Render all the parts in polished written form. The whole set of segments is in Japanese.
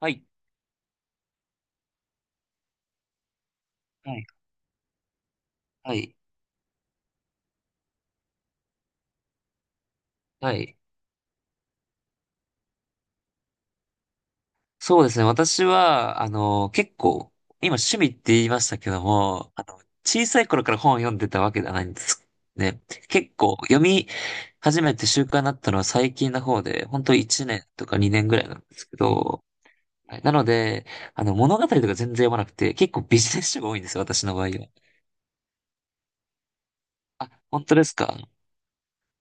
はい。はい。はい。はい。そうですね。私は、結構、今趣味って言いましたけども、小さい頃から本を読んでたわけではないんですね。結構、読み始めて習慣になったのは最近の方で、本当1年とか2年ぐらいなんですけど、はい。なので、物語とか全然読まなくて、結構ビジネス書が多いんですよ、私の場合は。あ、本当ですか？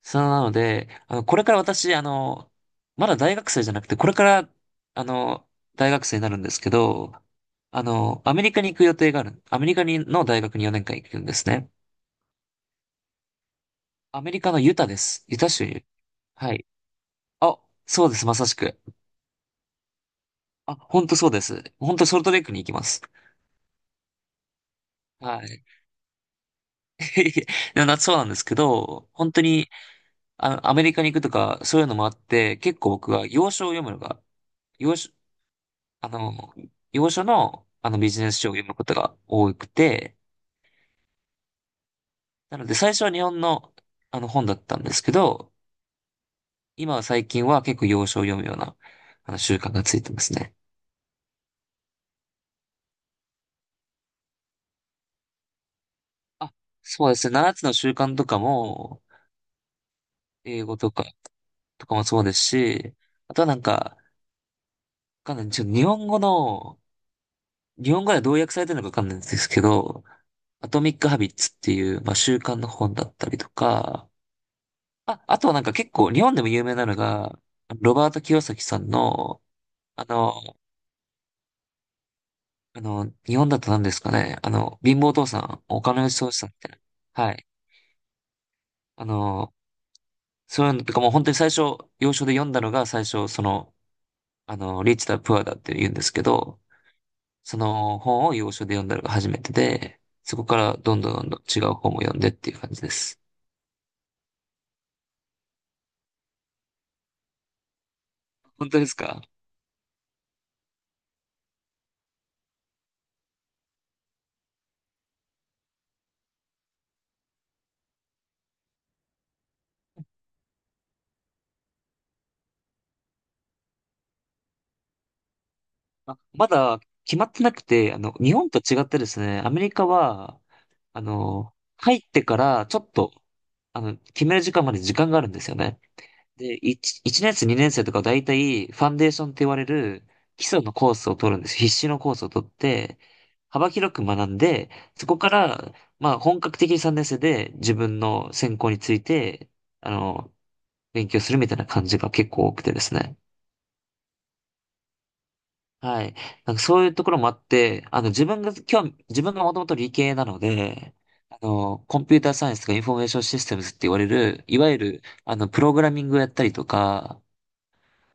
そうなので、あの、これから私、あの、まだ大学生じゃなくて、これから、あの、大学生になるんですけど、アメリカに行く予定がある。アメリカにの大学に4年間行くんですね。アメリカのユタです。ユタ州に。はい。あ、そうです、まさしく。あ、本当そうです。本当ソルトレイクに行きます。はい。でもなそうなんですけど、本当に、アメリカに行くとか、そういうのもあって、結構僕は、洋書を読むのが、洋書、あの、洋書の、あのビジネス書を読むことが多くて、なので最初は日本の、あの本だったんですけど、最近は結構洋書を読むような、あの習慣がついてますね。あ、そうですね。7つの習慣とかも、英語とか、とかもそうですし、あとはなんか、わかんない。ちょっと日本語の、日本語ではどう訳されてるのかわかんないんですけど、アトミック・ハビッツっていう、まあ、習慣の本だったりとか、あ、あとはなんか結構日本でも有名なのが、ロバート清崎さんの、あの、あの、日本だと何ですかね、貧乏お父さん、お金持ちおじさんみたいな。はい。あの、そういうのとかもう本当に最初、要所で読んだのが最初、リッチだ、プアだって言うんですけど、その本を要所で読んだのが初めてで、そこからどんどん違う本も読んでっていう感じです。本当ですか？あ、まだ決まってなくて、日本と違ってですね、アメリカは、入ってからちょっと、決める時間まで時間があるんですよね。で、1、一年生、2年生とか大体、ファンデーションって言われる基礎のコースを取るんです。必修のコースを取って、幅広く学んで、そこから、まあ、本格的に3年生で自分の専攻について、あの、勉強するみたいな感じが結構多くてですね。はい。なんかそういうところもあって、自分がもともと理系なので、コンピューターサイエンスとかインフォメーションシステムズって言われる、いわゆる、プログラミングをやったりとか、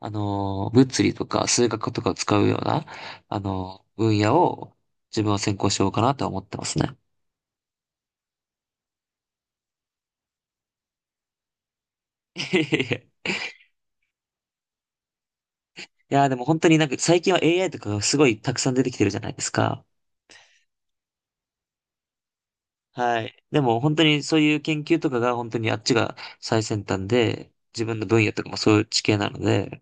物理とか数学とかを使うような、分野を自分は専攻しようかなとは思ってますね。いや、でも本当になんか最近は AI とかがすごいたくさん出てきてるじゃないですか。はい。でも本当にそういう研究とかが本当にあっちが最先端で、自分の分野とかもそういう地形なので、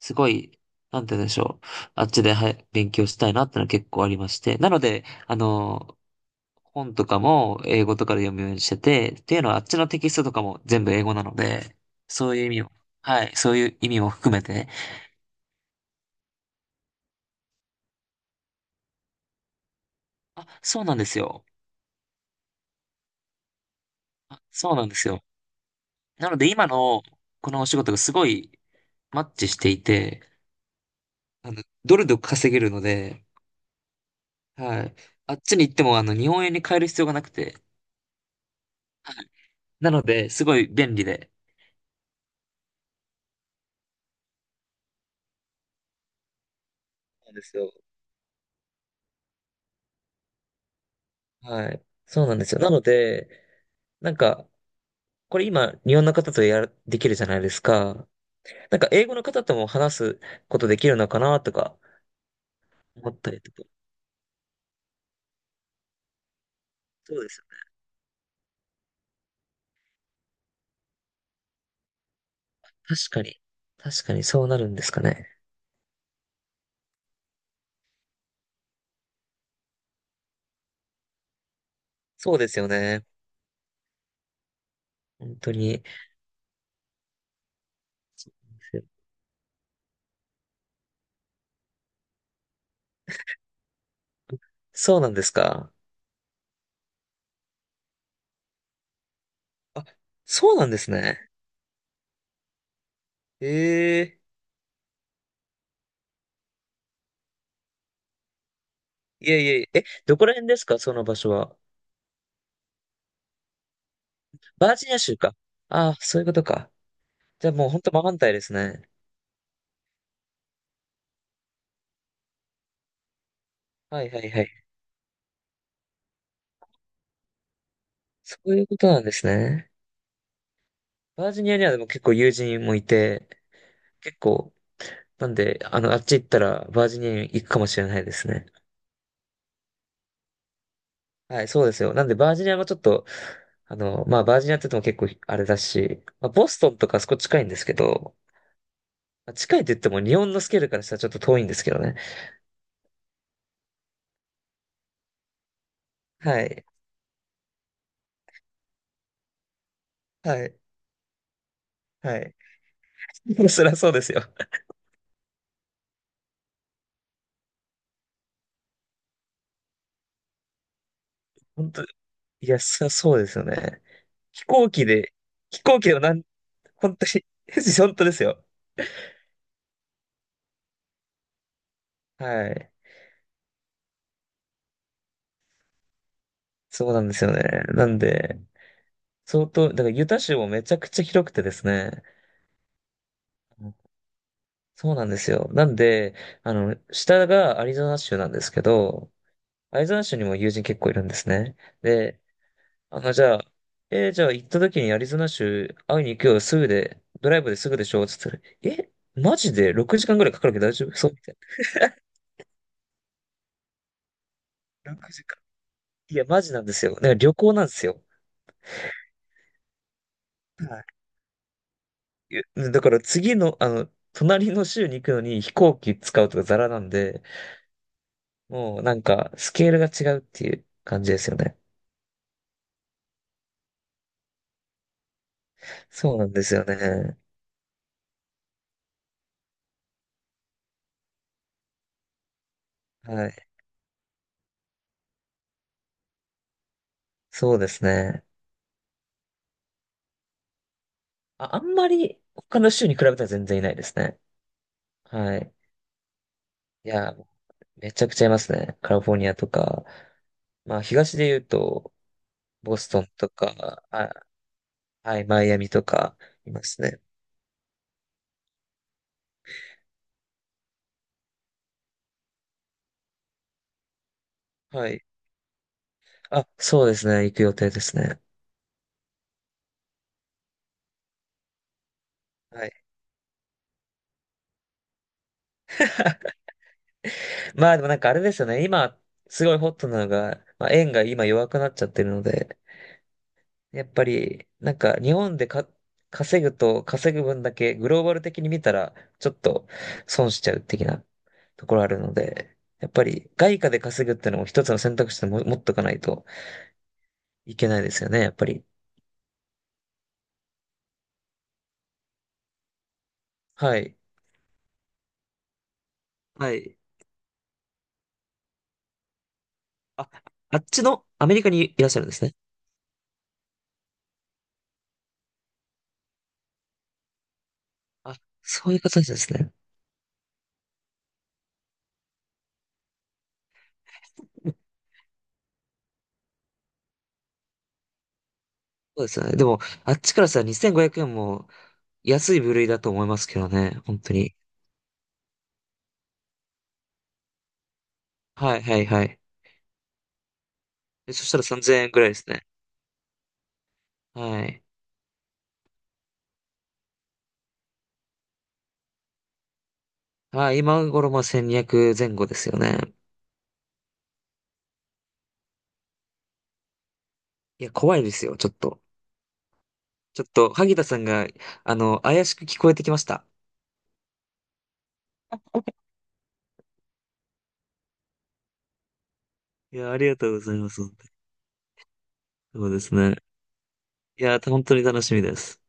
すごい、なんて言うんでしょう。あっちで、はい、勉強したいなってのは結構ありまして。なので、本とかも英語とかで読むようにしてて、っていうのはあっちのテキストとかも全部英語なので、そういう意味を、はい、そういう意味も含めて、あ、そうなんですよ。あ、そうなんですよ。なので今のこのお仕事がすごいマッチしていて、ドルで稼げるので、はい。あっちに行っても、日本円に変える必要がなくて、はい。なので、すごい便利で。そうなんですよ。はい。そうなんですよ。なので、なんか、これ今、日本の方とやる、できるじゃないですか。なんか、英語の方とも話すことできるのかなとか、思ったりとか。そうですよね。確かに。確かに、そうなるんですかね。そうですよね。本当に。そうなんですよ。そうなんですか？あ、そうなんですね。ええ、いえいえいえ、え、どこら辺ですかその場所は？バージニア州か。ああ、そういうことか。じゃあもうほんと真反対ですね。はいはいはい。そういうことなんですね。バージニアにはでも結構友人もいて、結構、なんで、あっち行ったらバージニアに行くかもしれないですね。はい、そうですよ。なんでバージニアもちょっと、まあバージニアって言っても結構あれだし、まあ、ボストンとかあそこ近いんですけど、まあ近いって言っても日本のスケールからしたらちょっと遠いんですけどね。はい、はい、はい。そりゃそうですよ。本当、そうですよね。飛行機で、飛行機でもなん、本当に 本当ですよ。はい。そうなんですよね。なんで、相当、だからユタ州もめちゃくちゃ広くてですね。そうなんですよ。なんで、下がアリゾナ州なんですけど、アリゾナ州にも友人結構いるんですね。で、あの、じゃあ、えーじゃあ行った時にアリゾナ州会いに行くよ、すぐで、ドライブですぐでしょつって言ったら、え、マジで6時間ぐらいかかるけど大丈夫そうみたいな。6時いや、マジなんですよ。だから旅行なんですよ。はい、えだから次の、隣の州に行くのに飛行機使うとかザラなんで、もうなんかスケールが違うっていう感じですよね。そうなんですよね。はい。そうですね。あ、あんまり他の州に比べたら全然いないですね。はい。いや、めちゃくちゃいますね。カリフォルニアとか、まあ東で言うと、ボストンとか、あ、はい、マイアミとかいますね。はい。あ、そうですね。行く予定ですね。はい。まあでもなんかあれですよね。今、すごいホットなのが、まあ、円が今弱くなっちゃってるので、やっぱり、なんか日本でか稼ぐと稼ぐ分だけグローバル的に見たら、ちょっと損しちゃう的なところあるので、やっぱり外貨で稼ぐっていうのも一つの選択肢でも持っとかないといけないですよね、やっぱり。はい。はい。あ、あっちのアメリカにいらっしゃるんですね。あ、そういう形ですね。そうですよね。でも、あっちからしたら2500円も安い部類だと思いますけどね、本当に。はい、はい、はい。でそしたら3000円ぐらいですね。はい。はい、今頃まあ1200前後ですよね。いや、怖いですよ、ちょっと。ちょっと、萩田さんが、怪しく聞こえてきました。いや、ありがとうございます。本当にそうですね。いや、本当に楽しみです。